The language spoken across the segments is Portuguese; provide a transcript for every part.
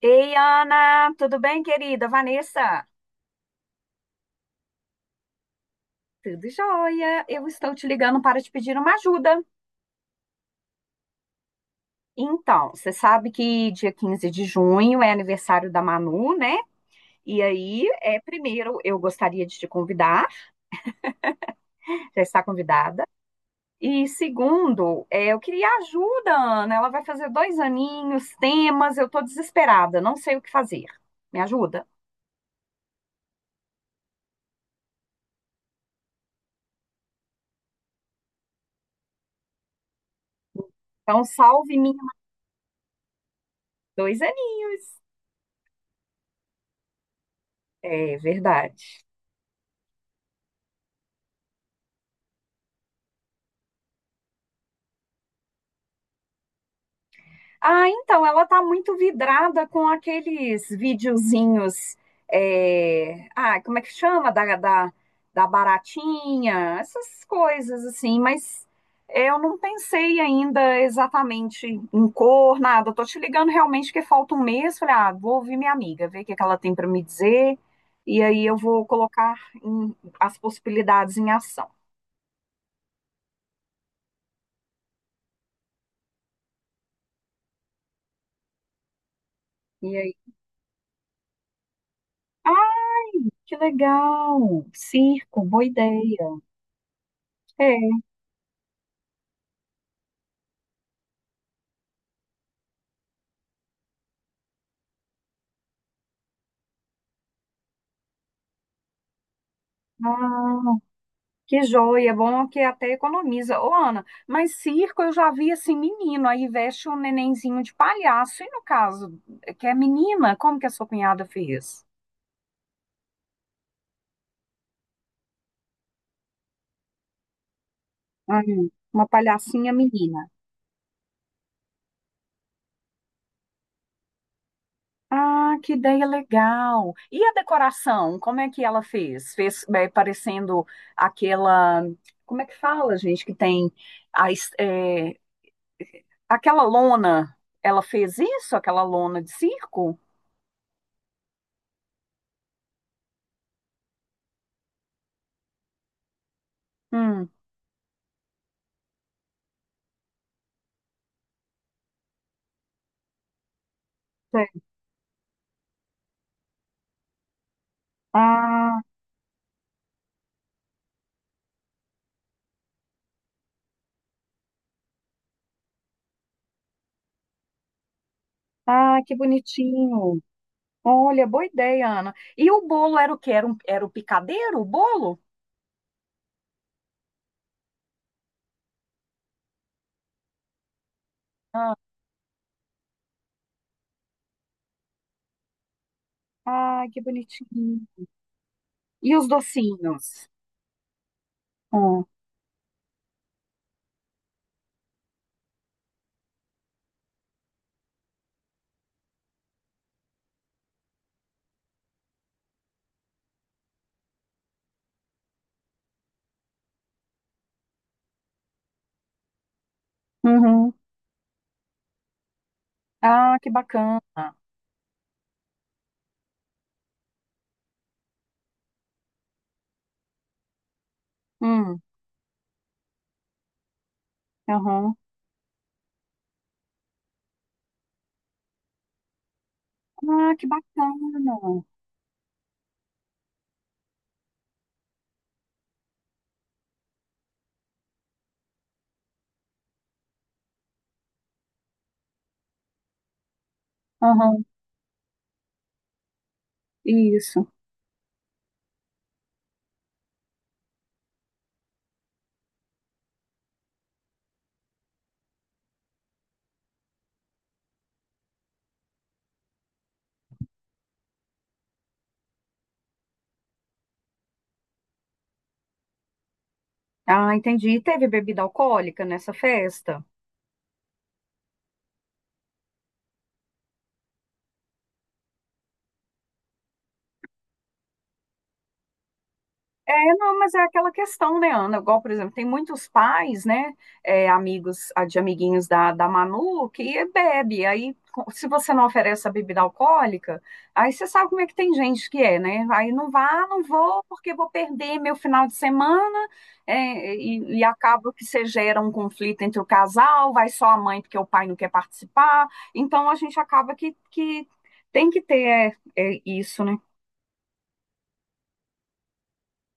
Ei, Ana, tudo bem, querida? Vanessa, tudo jóia? Eu estou te ligando para te pedir uma ajuda. Então, você sabe que dia 15 de junho é aniversário da Manu, né? E aí, primeiro, eu gostaria de te convidar, já está convidada. E segundo, eu queria ajuda, Ana. Ela vai fazer 2 aninhos, temas, eu estou desesperada, não sei o que fazer. Me ajuda? Então, salve-me, 2 aninhos. É verdade. Ah, então, ela tá muito vidrada com aqueles videozinhos. Ah, como é que chama? Da baratinha, essas coisas assim, mas eu não pensei ainda exatamente em cor, nada. Eu tô te ligando realmente que falta um mês. Falei, ah, vou ouvir minha amiga, ver o que que ela tem para me dizer, e aí eu vou colocar em- as possibilidades em ação. E aí, ah, que legal! Circo, boa ideia. É, ah, que joia, bom que até economiza. Ô, Ana, mas circo eu já vi assim, menino, aí veste um nenenzinho de palhaço. E no caso, que é menina, como que a sua cunhada fez? Uma palhacinha menina. Ah, que ideia legal. E a decoração, como é que ela fez? Fez parecendo aquela. Como é que fala, gente, que tem a, es- é, aquela lona? Ela fez isso, aquela lona de circo? Hum. Sei. Ah. Ah, que bonitinho. Olha, boa ideia, Ana. E o bolo era o quê? Era o picadeiro, o bolo? Ah, ai, que bonitinho. E os docinhos? Hum, uhum. Ah, que bacana. Hum, uhum. Ah, que bacana. Uhum, isso. Ah, entendi. E teve bebida alcoólica nessa festa? É, não, mas é aquela questão, né, Ana? Igual, por exemplo, tem muitos pais, né, amigos, ah, de amiguinhos da Manu, que bebe. Aí, se você não oferece a bebida alcoólica, aí você sabe como é que tem gente que é, né? Aí não vá, não vou, porque vou perder meu final de semana, e acaba que você gera um conflito entre o casal, vai só a mãe porque o pai não quer participar. Então, a gente acaba que, tem que ter isso, né?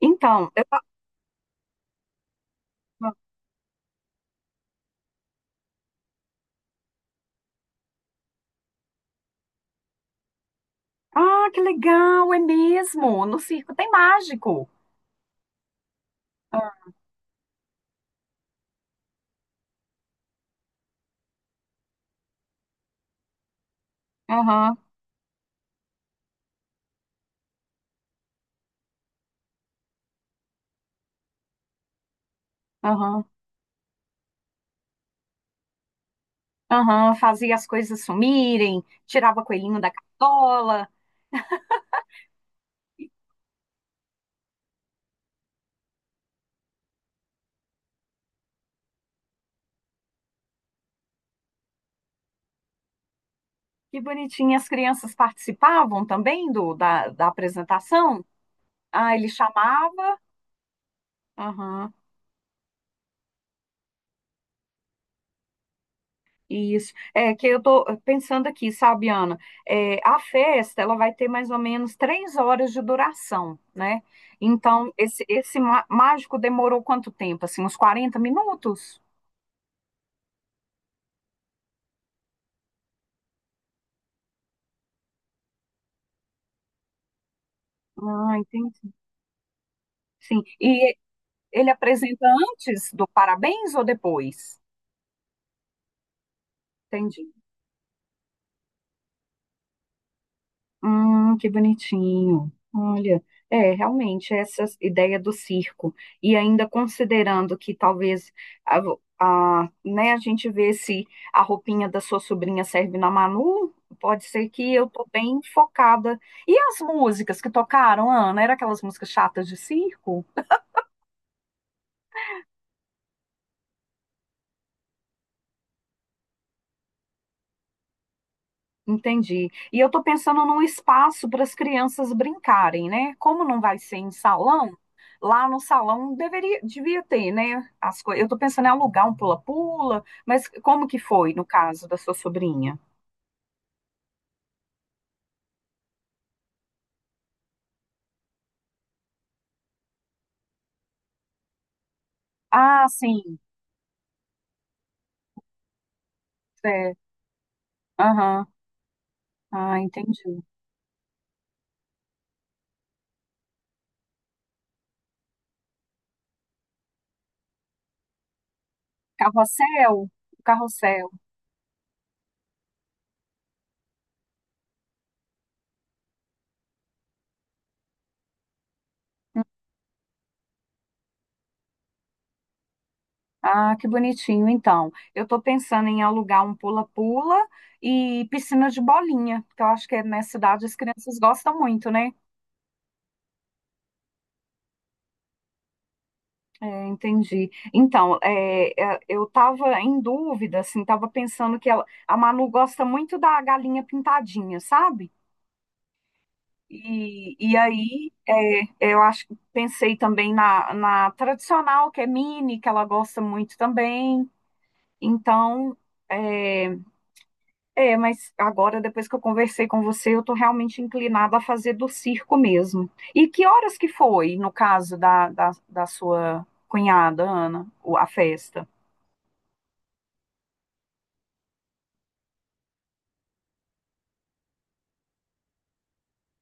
Então, eu ah, que legal, é mesmo. No circo tem mágico. Ah, aham, aham, aham. Fazia as coisas sumirem, tirava coelhinho da cartola. Que bonitinho. As crianças participavam também da apresentação? Ah, ele chamava. Aham, isso. É que eu tô pensando aqui, sabe, Ana? É, a festa, ela vai ter mais ou menos 3 horas de duração, né? Então, esse mágico demorou quanto tempo? Assim, uns 40 minutos? Ah, entendi. Sim. E ele apresenta antes do parabéns ou depois? Entendi. Que bonitinho. Olha, realmente, essa ideia do circo. E ainda considerando que talvez a, né, a gente vê se a roupinha da sua sobrinha serve na Manu, pode ser que eu tô bem focada. E as músicas que tocaram, Ana? Eram aquelas músicas chatas de circo? Entendi. E eu estou pensando num espaço para as crianças brincarem, né? Como não vai ser em salão, lá no salão deveria, devia ter, né? As coisas. Eu estou pensando em alugar um pula-pula, mas como que foi no caso da sua sobrinha? Ah, sim. É. Aham. Ah, entendi. Carrossel? Carrossel. Ah, que bonitinho. Então, eu estou pensando em alugar um pula-pula e piscina de bolinha, que eu acho que é nessa idade as crianças gostam muito, né? É, entendi. Então, eu estava em dúvida, assim, estava pensando que ela, a Manu gosta muito da galinha pintadinha, sabe? E aí, eu acho que pensei também na, tradicional, que é mini, que ela gosta muito também. Então, é, mas agora, depois que eu conversei com você, eu estou realmente inclinada a fazer do circo mesmo. E que horas que foi, no caso da sua cunhada, Ana, a festa?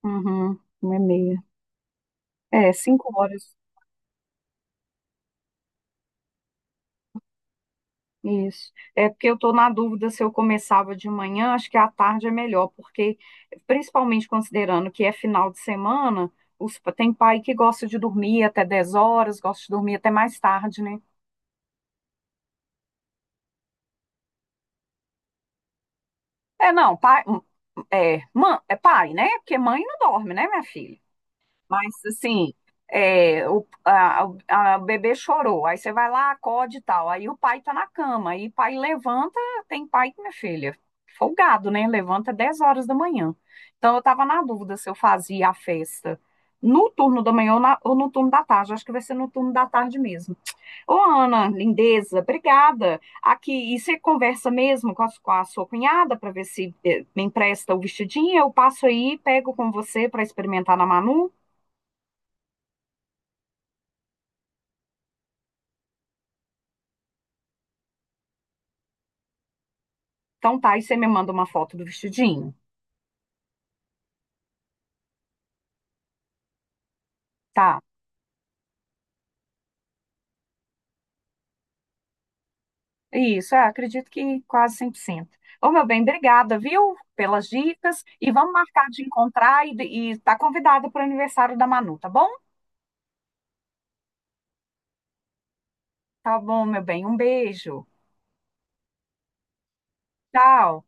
Uhum, 1:30. É, 5 horas. Isso. É porque eu estou na dúvida se eu começava de manhã, acho que à tarde é melhor, porque, principalmente considerando que é final de semana, tem pai que gosta de dormir até 10 horas, gosta de dormir até mais tarde, né? É, não, pai, mãe, é pai, né? Porque mãe não dorme, né, minha filha? Mas assim, o bebê chorou. Aí você vai lá, acode e tal. Aí o pai tá na cama. Aí o pai levanta, tem pai que, minha filha, folgado, né? Levanta 10 horas da manhã. Então eu tava na dúvida se eu fazia a festa no turno da manhã ou no turno da tarde. Acho que vai ser no turno da tarde mesmo. Ô, Ana, lindeza, obrigada. Aqui, e você conversa mesmo com a sua cunhada para ver se me empresta o vestidinho? Eu passo aí, pego com você para experimentar na Manu. Então tá, e você me manda uma foto do vestidinho? Tá. Isso, acredito que quase 100%. Ô, meu bem, obrigada, viu, pelas dicas. E vamos marcar de encontrar e tá convidada para o aniversário da Manu, tá bom? Tá bom, meu bem. Um beijo. Tchau.